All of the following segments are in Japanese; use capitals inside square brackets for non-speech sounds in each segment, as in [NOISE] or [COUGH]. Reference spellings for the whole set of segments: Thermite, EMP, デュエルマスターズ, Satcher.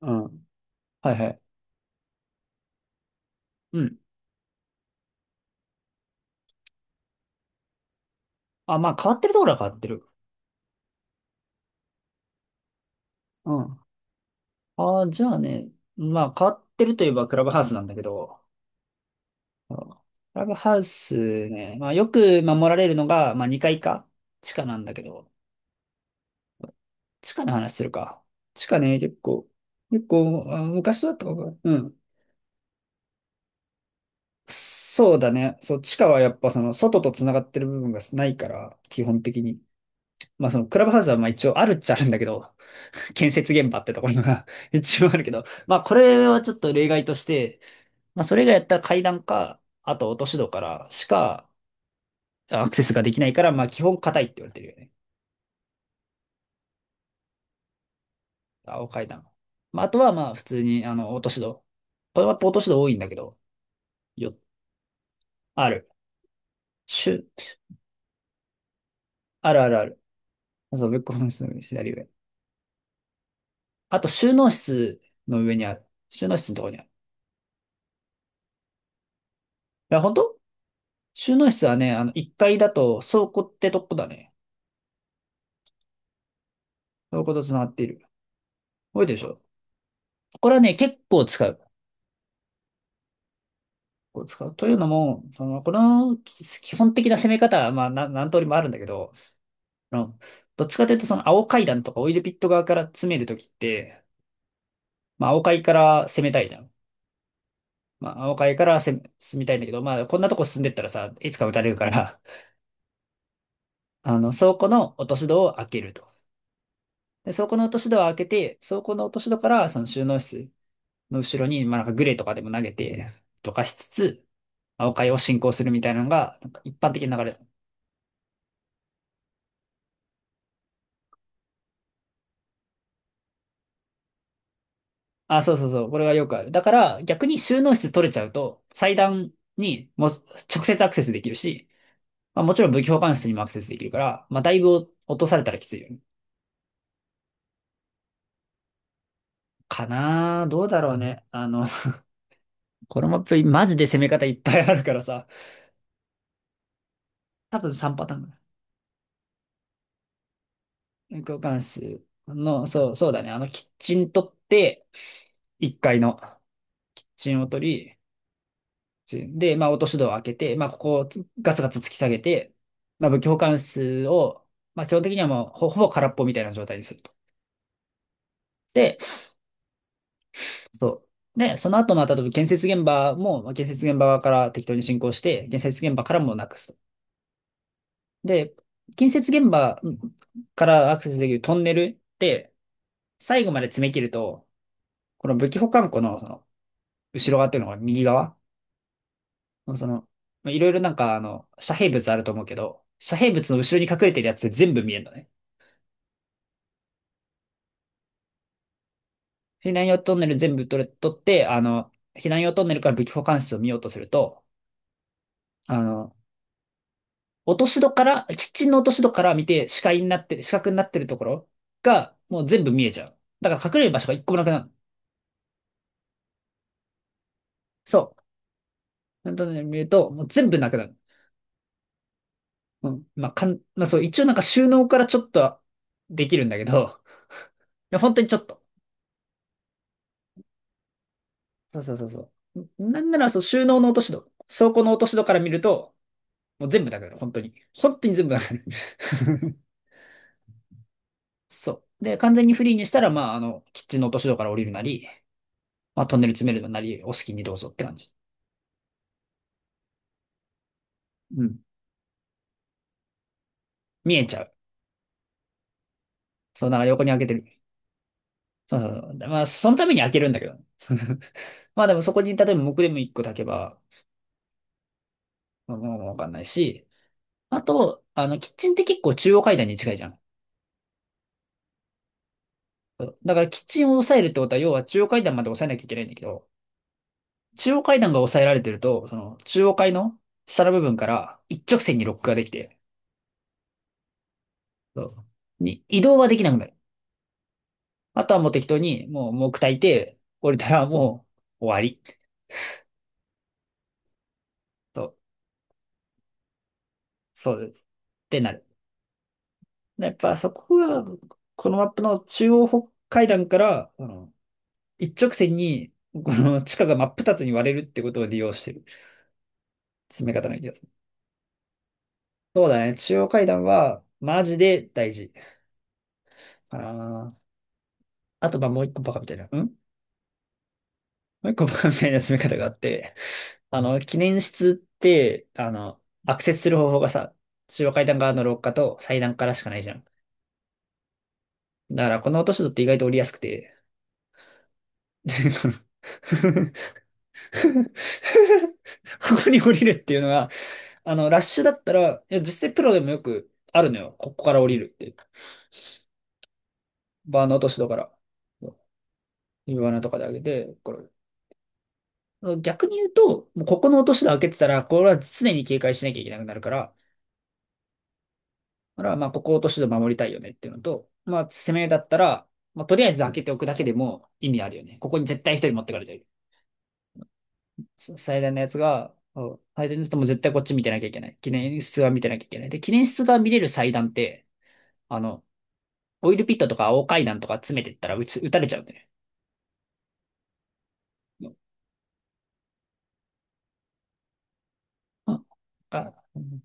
うん。はいはい。うん。あ、まあ変わってるところは変わってる。うん。ああ、じゃあね、まあ変わってるといえばクラブハウスなんだけど、うん。クラブハウスね、まあよく守られるのが、まあ2階か、地下なんだけど、地下の話するか。地下ね、結構、結構、昔だったかな。うん。そうだね。そう、地下はやっぱその外と繋がってる部分がないから、基本的に。まあそのクラブハウスはまあ一応あるっちゃあるんだけど、建設現場ってところが [LAUGHS] 一応あるけど、まあこれはちょっと例外として、まあそれ以外やったら階段か、あと落とし戸からしかアクセスができないから、まあ基本硬いって言われてるよね。青階段。まああとはまあ普通に落とし戸。これは落とし戸多いんだけど、よ、ある。しゅあるあるある。そう、ブックオフの左上。あと収納室の上にある。収納室のところにある。いや、本当。収納室はね、あの1階だと倉庫ってとこだね。倉庫と繋がっている。多いでしょ。これはね、結構使う。結構使う。というのも、その、この基本的な攻め方は、まあ、何通りもあるんだけど、あのどっちかというと、その、青階段とかオイルピット側から詰めるときって、まあ、青階から攻めたいじゃん。まあ、青階から攻め、進みたいんだけど、まあ、こんなとこ進んでったらさ、いつか撃たれるから、[LAUGHS] あの、倉庫の落とし戸を開けると。で、倉庫の落とし戸を開けて、倉庫の落とし戸から、その収納室の後ろに、まあ、なんかグレーとかでも投げて、とかしつつ、青階を進行するみたいなのが、なんか一般的な流れ。あ、そうそうそう。これはよくある。だから、逆に収納室取れちゃうと、祭壇にもう直接アクセスできるし、まあ、もちろん武器保管室にもアクセスできるから、まあ、だいぶ落とされたらきついよね。かなあどうだろうね。あの、[LAUGHS] このマップ、マジで攻め方いっぱいあるからさ、多分3パターンぐらい。武器保管室の、そう、そうだね。あの、キッチン取って、1階のキッチンを取り、で、まあ、落とし戸を開けて、まあ、ここをガツガツ突き下げて、まあ、武器保管室を、まあ、基本的にはもうほぼ空っぽみたいな状態にすると。で、そう。で、その後、まあ、例えば建設現場も、まあ建設現場側から適当に進行して、建設現場からもなくすと。で、建設現場からアクセスできるトンネルって、最後まで詰め切ると、この武器保管庫の、その後ろ側っていうのが右側の、その、まあいろいろなんか、あの、遮蔽物あると思うけど、遮蔽物の後ろに隠れてるやつ全部見えるのね。避難用トンネル全部取れ、取って、あの、避難用トンネルから武器保管室を見ようとすると、あの、落とし戸から、キッチンの落とし戸から見て視覚になってるところが、もう全部見えちゃう。だから隠れる場所が一個もなくなる。そう。本当に見ると、もう全部なくなる。うん。まあ、まあそう、一応なんか収納からちょっとはできるんだけど、[LAUGHS] いや本当にちょっと。そうそうそうそう。なんなら、そう、収納の落とし戸、倉庫の落とし戸から見ると、もう全部なくなる。本当に。本当に全部なくなる。[LAUGHS] そう。で、完全にフリーにしたら、まあ、あの、キッチンの落とし戸から降りるなり、まあ、トンネル詰めるなり、お好きにどうぞって感じ。うん。見えちゃう。そう、なんか横に開けてる。そうそうそう。でまあ、そのために開けるんだけど。[LAUGHS] まあでもそこに、例えば木でも一個炊けば、まあもうわかんないし。あと、あの、キッチンって結構中央階段に近いじゃん。そうだからキッチンを抑えるってことは、要は中央階段まで抑えなきゃいけないんだけど、中央階段が抑えられてると、その中央階の下の部分から一直線にロックができて、そうに移動はできなくなる。あとはもう適当に、もう、もう炊いて、降りたらもう終わり。と、そうです。ってなる。やっぱそこが、このマップの中央北海段から、あの、一直線に、この地下が真っ二つに割れるってことを利用してる。詰め方の気がする。そうだね。中央階段は、マジで大事かな。あと、まあ、もう一個バカみたいな。もう一個 [LAUGHS] バカみたいな進め方があって、あの、記念室って、あの、アクセスする方法がさ、中央階段側の廊下と祭壇からしかないじゃん。だから、この落とし戸って意外と降りやすくて、[LAUGHS] でこの [LAUGHS] ここに降りるっていうのが、あの、ラッシュだったら、いや、実際プロでもよくあるのよ。ここから降りるって。バーの落とし戸から、指輪のとかで上げて、これ。逆に言うと、もうここの落とし戸開けてたら、これは常に警戒しなきゃいけなくなるから、だから、まあ、ここを落としで守りたいよねっていうのと、まあ、攻めだったら、まあ、とりあえず開けておくだけでも意味あるよね。ここに絶対一人持ってかれてる。最大のやつが、そう最大のやつも絶対こっち見てなきゃいけない。記念室は見てなきゃいけない。で、記念室が見れる祭壇って、あの、オイルピットとか青階段とか詰めてったら撃たれちゃうんだよね。うん。あ、うん。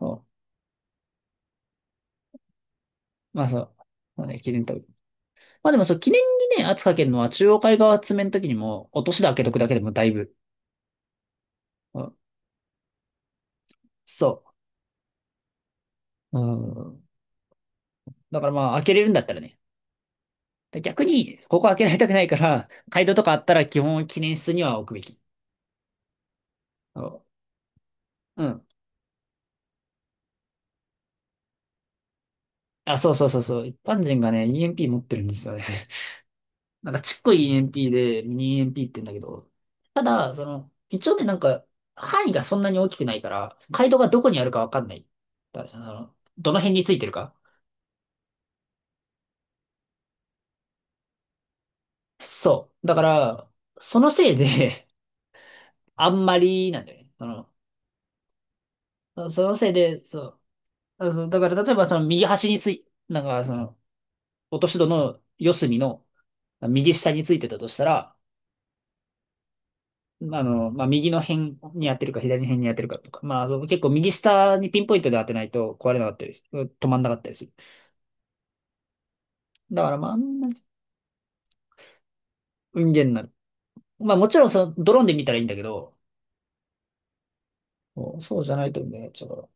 そまあそう。まあね、記念と。まあでもそう、記念にね、圧かけるのは中央海側詰めの時にも、落としで開けとくだけでもだいぶ。うん。そう。うん。だからまあ、開けれるんだったらね。で逆に、ここ開けられたくないから、街道とかあったら基本記念室には置くべき。そう。うん。あ、そうそうそうそう。一般人がね、EMP 持ってるんですよね。[LAUGHS] なんかちっこい EMP で、ミニ EMP って言うんだけど。ただ、その、一応ね、なんか、範囲がそんなに大きくないから、街道がどこにあるかわかんない。だからその、どの辺についてるか。そう。だから、そのせいで [LAUGHS] あんまりなんだよね。その、そのせいで、そう。そうだから例えばその右端につい、なんかその落とし戸の四隅の右下についてたとしたら、あの、まあ、右の辺にやってるか左の辺にやってるかとか、まあ、そう結構右下にピンポイントで当てないと壊れなかったり止まんなかったりする。だからまあ、あんまり運ゲーになる。まあもちろんそのドローンで見たらいいんだけど、そうそうじゃないと運ゲーになっちゃうから。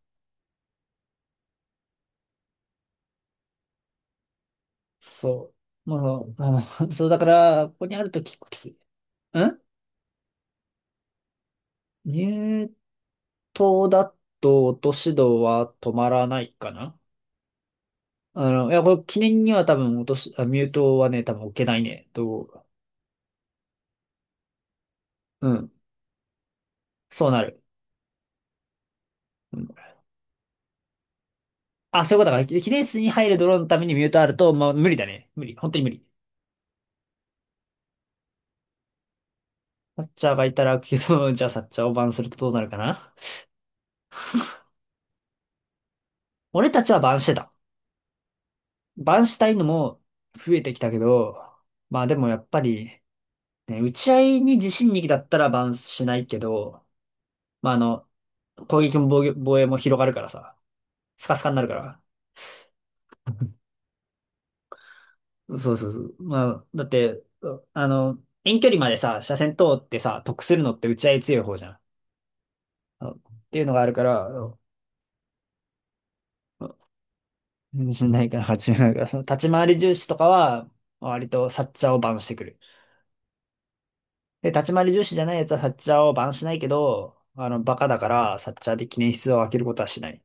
そう。まあ、あの [LAUGHS] そうだから、ここにあると結構きつい。ん入刀だと落とし戸は止まらないかな。あの、いや、これ記念には多分落とす、あ、ミュートはね、多分置けないね。と、うん。そうなる。うん。あ、そういうことか。記念室に入るドローンのためにミュートあると、まあ、無理だね。無理。本当に無理。サッチャーがいたら、けど、[LAUGHS] じゃあサッチャーをバンするとどうなるかな。俺たちはバンしてた。バンしたいのも増えてきたけど、まあでもやっぱり、ね、打ち合いに自信力だったらバンしないけど、まああの、攻撃も防御防衛も広がるからさ、スカスカになるから。そうそうそう。まあ、だって、あの、遠距離までさ、車線通ってさ、得するのって打ち合い強い方じゃん。あっていうのがあるから、自信 [LAUGHS] ないから始めないから、その立ち回り重視とかは、割とサッチャーをバンしてくる。で、立ち回り重視じゃないやつはサッチャーをバンしないけど、あの、バカだから、サッチャーで記念室を開けることはしない。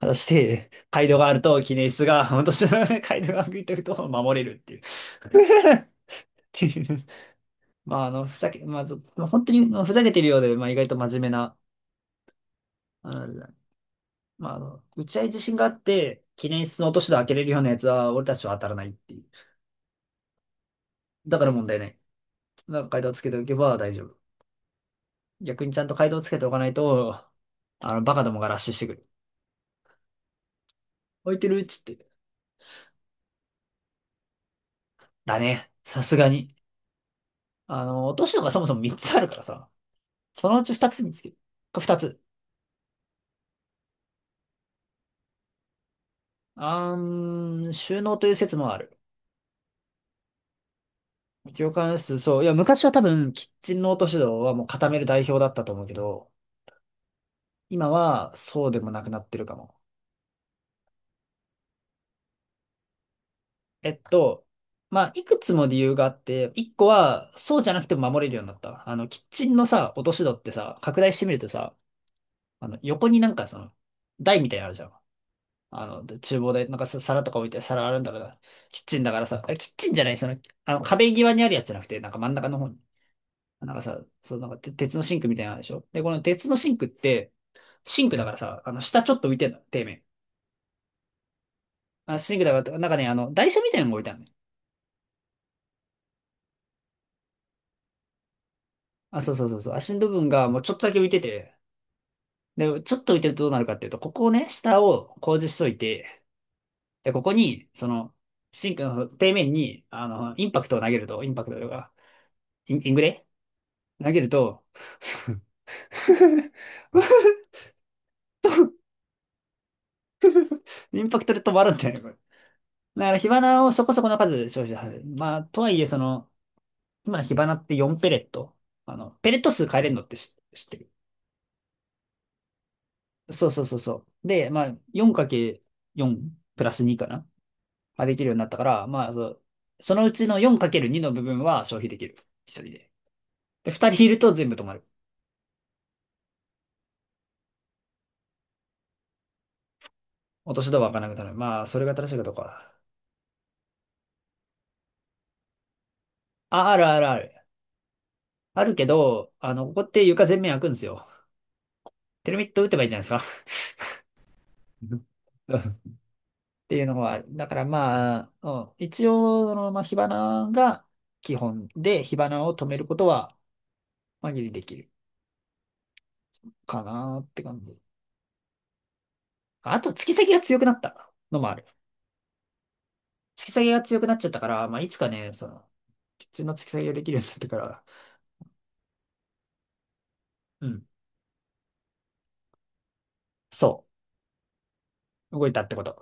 果たして、街道があると、記念室が、本当に街道が開いてると守れるっていう。[LAUGHS] まあ、あの、ふざけ、まあ、ず本当にまあふざけてるようで、まあ、意外と真面目な、あの、まあ、あの、打ち合い自信があって、記念室の落とし戸開けれるようなやつは、俺たちは当たらないっていう。だから問題ない。だから、回答つけておけば大丈夫。逆にちゃんと回答つけておかないと、あの、バカどもがラッシュしてくる。置いてるっつって。だね。さすがに。あの、落とし戸がそもそも3つあるからさ、そのうち2つ見つける。2つ。あーん、収納という説もある。業関数、そう。いや、昔は多分、キッチンノート指導はもう固める代表だったと思うけど、今はそうでもなくなってるかも。えっと、まあ、いくつも理由があって、一個は、そうじゃなくても守れるようになった。あの、キッチンのさ、落とし戸ってさ、拡大してみるとさ、あの、横になんかその、台みたいなのあるじゃん。あの、で厨房で、なんかさ皿とか置いて、皿あるんだから、キッチンだからさ、キッチンじゃない、その、あの、壁際にあるやつじゃなくて、なんか真ん中の方に。なんかさ、そう、なんかて鉄のシンクみたいなのでしょで、この鉄のシンクって、シンクだからさ、あの、下ちょっと浮いてんの、底面。あ、シンクだから、なんかね、あの、台車みたいなのが置いてあるのよ。あ、そうそうそうそう。足の部分がもうちょっとだけ浮いてて、で、ちょっと浮いてるとどうなるかっていうと、ここをね、下を工事しといて、で、ここに、その、シンクの底面に、あの、インパクトを投げると、インパクトとか、イングレ投げると、[LAUGHS] インパクトで止まるんだよね、これ。だから、火花をそこそこの数消費させる。まあ、とはいえ、その、今、火花って4ペレット。あの、ペレット数変えれるのって知ってる。そうそうそうそう。で、まあ、4×4 プラス2かなができるようになったから、まあ、そう、そのうちの 4×2 の部分は消費できる。一人で。で、二人いると全部止まる。落とし戸は開かなくなる。まあ、それが正しいかどうか。あ、あるあるある。あるけど、あの、ここって床全面開くんですよ。テルミット打てばいいじゃないですか。[LAUGHS] っていうのはある、だからまあ、うん、一応、その、まあ、火花が基本で、火花を止めることは、紛れできるかなって感じ。あと、突き先が強くなったのもある。突き先が強くなっちゃったから、まあ、いつかね、その、普通の突き先ができるようになってから、うん、そう、動いたってこと。